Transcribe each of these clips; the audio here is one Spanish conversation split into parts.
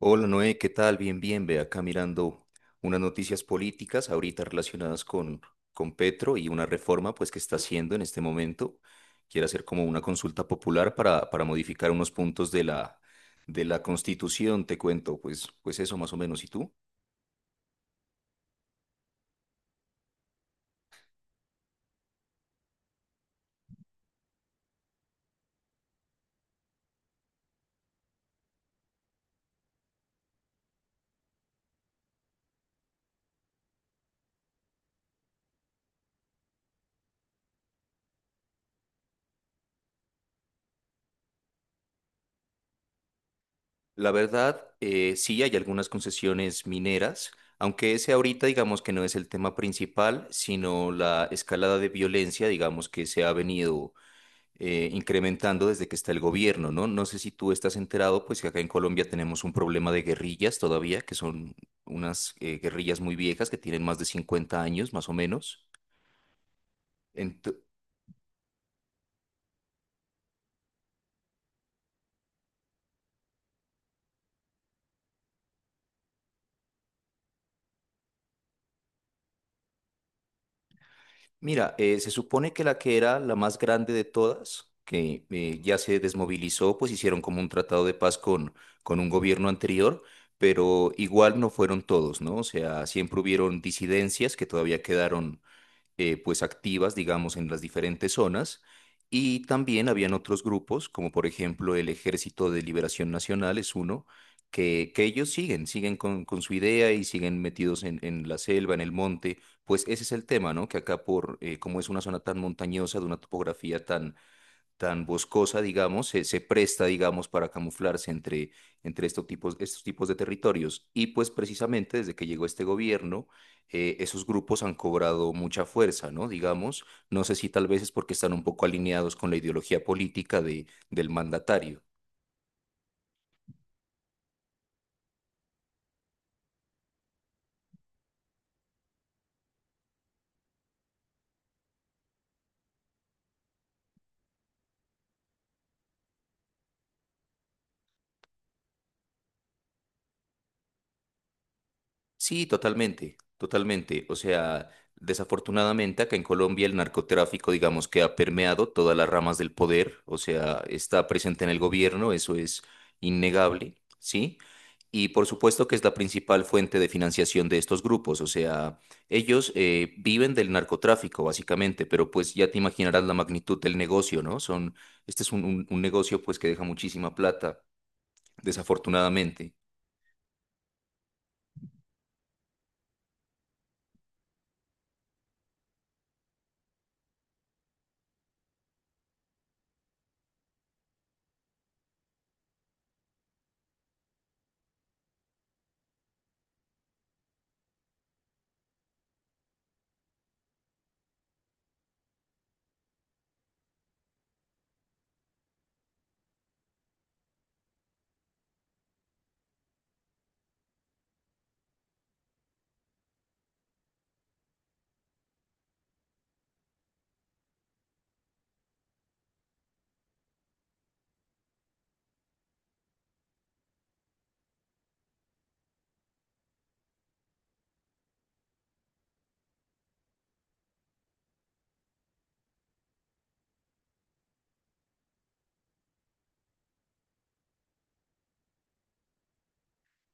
Hola Noé, ¿qué tal? Bien, bien, ve acá mirando unas noticias políticas ahorita relacionadas con Petro y una reforma pues que está haciendo en este momento. Quiere hacer como una consulta popular para modificar unos puntos de la Constitución, te cuento, pues eso más o menos. ¿Y tú? La verdad, sí hay algunas concesiones mineras, aunque ese ahorita digamos que no es el tema principal, sino la escalada de violencia, digamos que se ha venido incrementando desde que está el gobierno, ¿no? No sé si tú estás enterado, pues que acá en Colombia tenemos un problema de guerrillas todavía, que son unas guerrillas muy viejas que tienen más de 50 años, más o menos. Ento- Mira, se supone que la que era la más grande de todas, que ya se desmovilizó, pues hicieron como un tratado de paz con un gobierno anterior, pero igual no fueron todos, ¿no? O sea, siempre hubieron disidencias que todavía quedaron pues activas, digamos, en las diferentes zonas. Y también habían otros grupos, como por ejemplo el Ejército de Liberación Nacional es uno, que ellos siguen, siguen con su idea y siguen metidos en la selva, en el monte. Pues ese es el tema, ¿no? Que acá por, como es una zona tan montañosa, de una topografía tan boscosa, digamos, se presta, digamos, para camuflarse entre estos tipos de territorios. Y pues precisamente desde que llegó este gobierno, esos grupos han cobrado mucha fuerza, ¿no? Digamos, no sé si tal vez es porque están un poco alineados con la ideología política del mandatario. Sí, totalmente, totalmente. O sea, desafortunadamente acá en Colombia el narcotráfico, digamos que ha permeado todas las ramas del poder, o sea, está presente en el gobierno, eso es innegable, ¿sí? Y por supuesto que es la principal fuente de financiación de estos grupos, o sea, ellos viven del narcotráfico básicamente, pero pues ya te imaginarás la magnitud del negocio, ¿no? Son, este es un, un negocio pues que deja muchísima plata, desafortunadamente.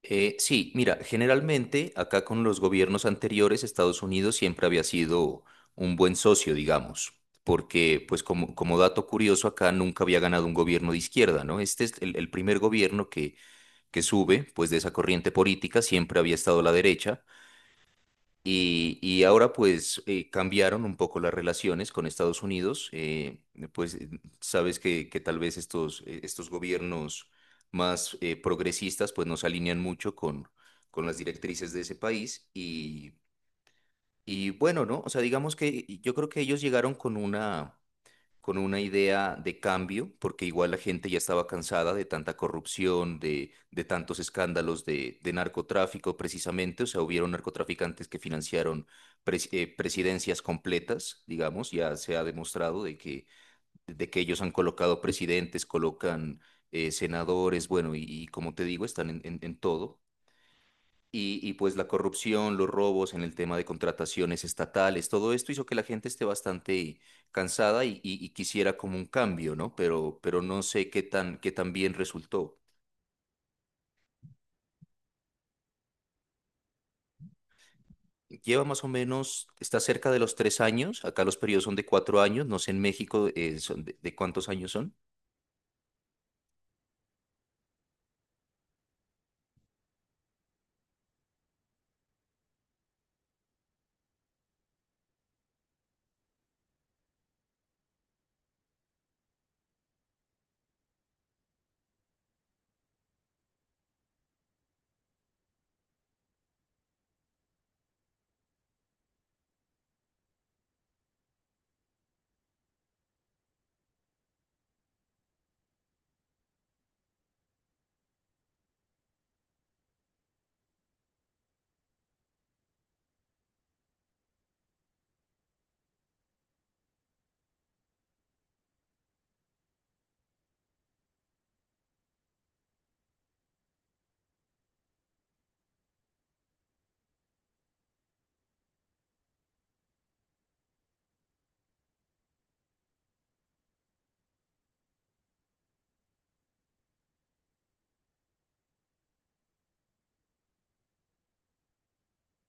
Sí, mira, generalmente acá con los gobiernos anteriores, Estados Unidos siempre había sido un buen socio, digamos, porque pues como, como dato curioso, acá nunca había ganado un gobierno de izquierda, ¿no? Este es el primer gobierno que sube, pues de esa corriente política, siempre había estado la derecha. Y ahora pues cambiaron un poco las relaciones con Estados Unidos, pues eh, sabes que tal vez estos gobiernos más progresistas pues no se alinean mucho con las directrices de ese país y bueno, ¿no? O sea, digamos que yo creo que ellos llegaron con una idea de cambio, porque igual la gente ya estaba cansada de tanta corrupción, de tantos escándalos de narcotráfico precisamente, o sea, hubieron narcotraficantes que financiaron presidencias completas, digamos, ya se ha demostrado de de que ellos han colocado presidentes, colocan senadores, bueno, y como te digo, están en, en todo. Y pues la corrupción, los robos en el tema de contrataciones estatales, todo esto hizo que la gente esté bastante cansada y, y quisiera como un cambio, ¿no? Pero no sé qué tan bien resultó. Lleva más o menos, está cerca de los 3 años, acá los periodos son de 4 años, no sé en México son de cuántos años son.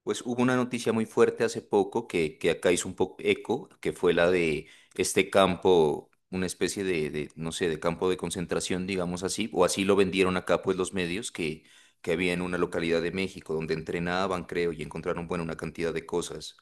Pues hubo una noticia muy fuerte hace poco que acá hizo un poco eco, que fue la de este campo, una especie no sé, de campo de concentración, digamos así, o así lo vendieron acá pues los medios, que había en una localidad de México donde entrenaban, creo, y encontraron, bueno, una cantidad de cosas.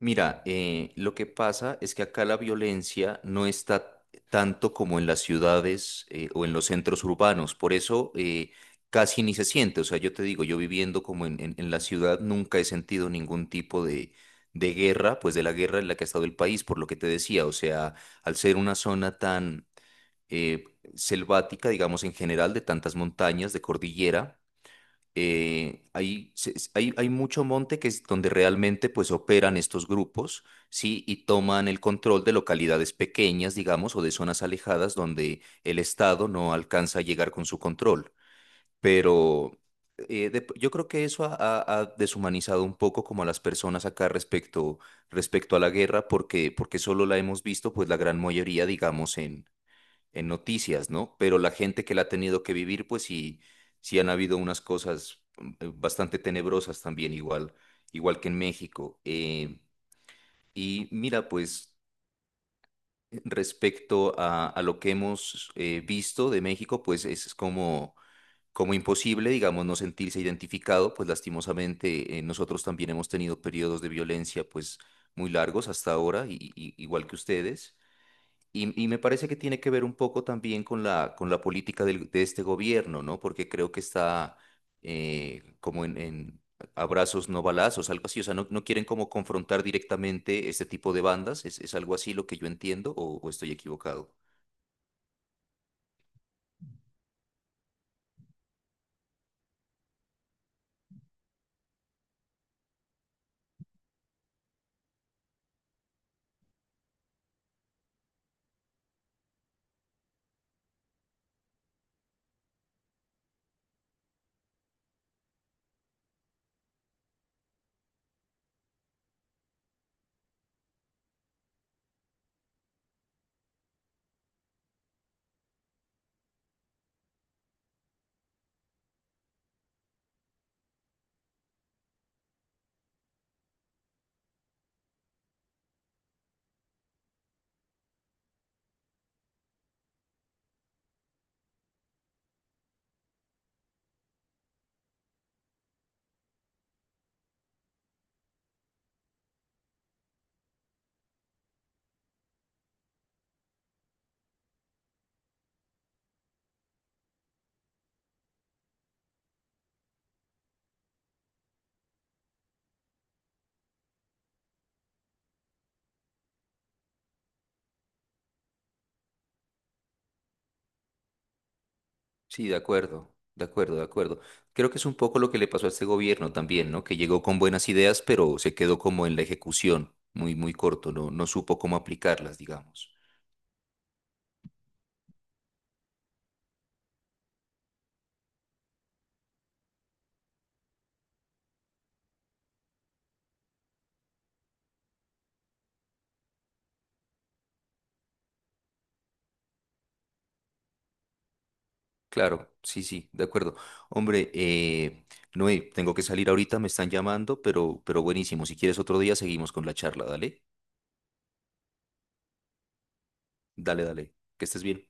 Mira, lo que pasa es que acá la violencia no está tanto como en las ciudades o en los centros urbanos, por eso casi ni se siente. O sea, yo te digo, yo viviendo como en, en la ciudad nunca he sentido ningún tipo de guerra, pues de la guerra en la que ha estado el país, por lo que te decía. O sea, al ser una zona tan eh, selvática, digamos en general, de tantas montañas, de cordillera hay, hay, hay mucho monte que es donde realmente pues operan estos grupos, ¿sí? Y toman el control de localidades pequeñas, digamos, o de zonas alejadas donde el Estado no alcanza a llegar con su control. Pero yo creo que eso ha, ha deshumanizado un poco como a las personas acá respecto, respecto a la guerra, porque, porque solo la hemos visto pues la gran mayoría, digamos, en noticias, ¿no? Pero la gente que la ha tenido que vivir, pues sí, sí han habido unas cosas bastante tenebrosas también, igual, igual que en México. Y mira, pues respecto a lo que hemos visto de México, pues es como, como imposible, digamos, no sentirse identificado, pues lastimosamente nosotros también hemos tenido periodos de violencia, pues muy largos hasta ahora, igual que ustedes. Y me parece que tiene que ver un poco también con la política de este gobierno, ¿no? Porque creo que está como en abrazos no balazos, algo así. O sea, no, no quieren como confrontar directamente este tipo de bandas. Es algo así lo que yo entiendo o estoy equivocado? Sí, de acuerdo, de acuerdo, de acuerdo. Creo que es un poco lo que le pasó a este gobierno también, ¿no? Que llegó con buenas ideas, pero se quedó como en la ejecución, muy, muy corto, no, no supo cómo aplicarlas, digamos. Claro, sí, sí, de acuerdo. Hombre, Noé, tengo que salir ahorita, me están llamando, pero buenísimo. Si quieres otro día, seguimos con la charla, dale. Dale, dale. Que estés bien.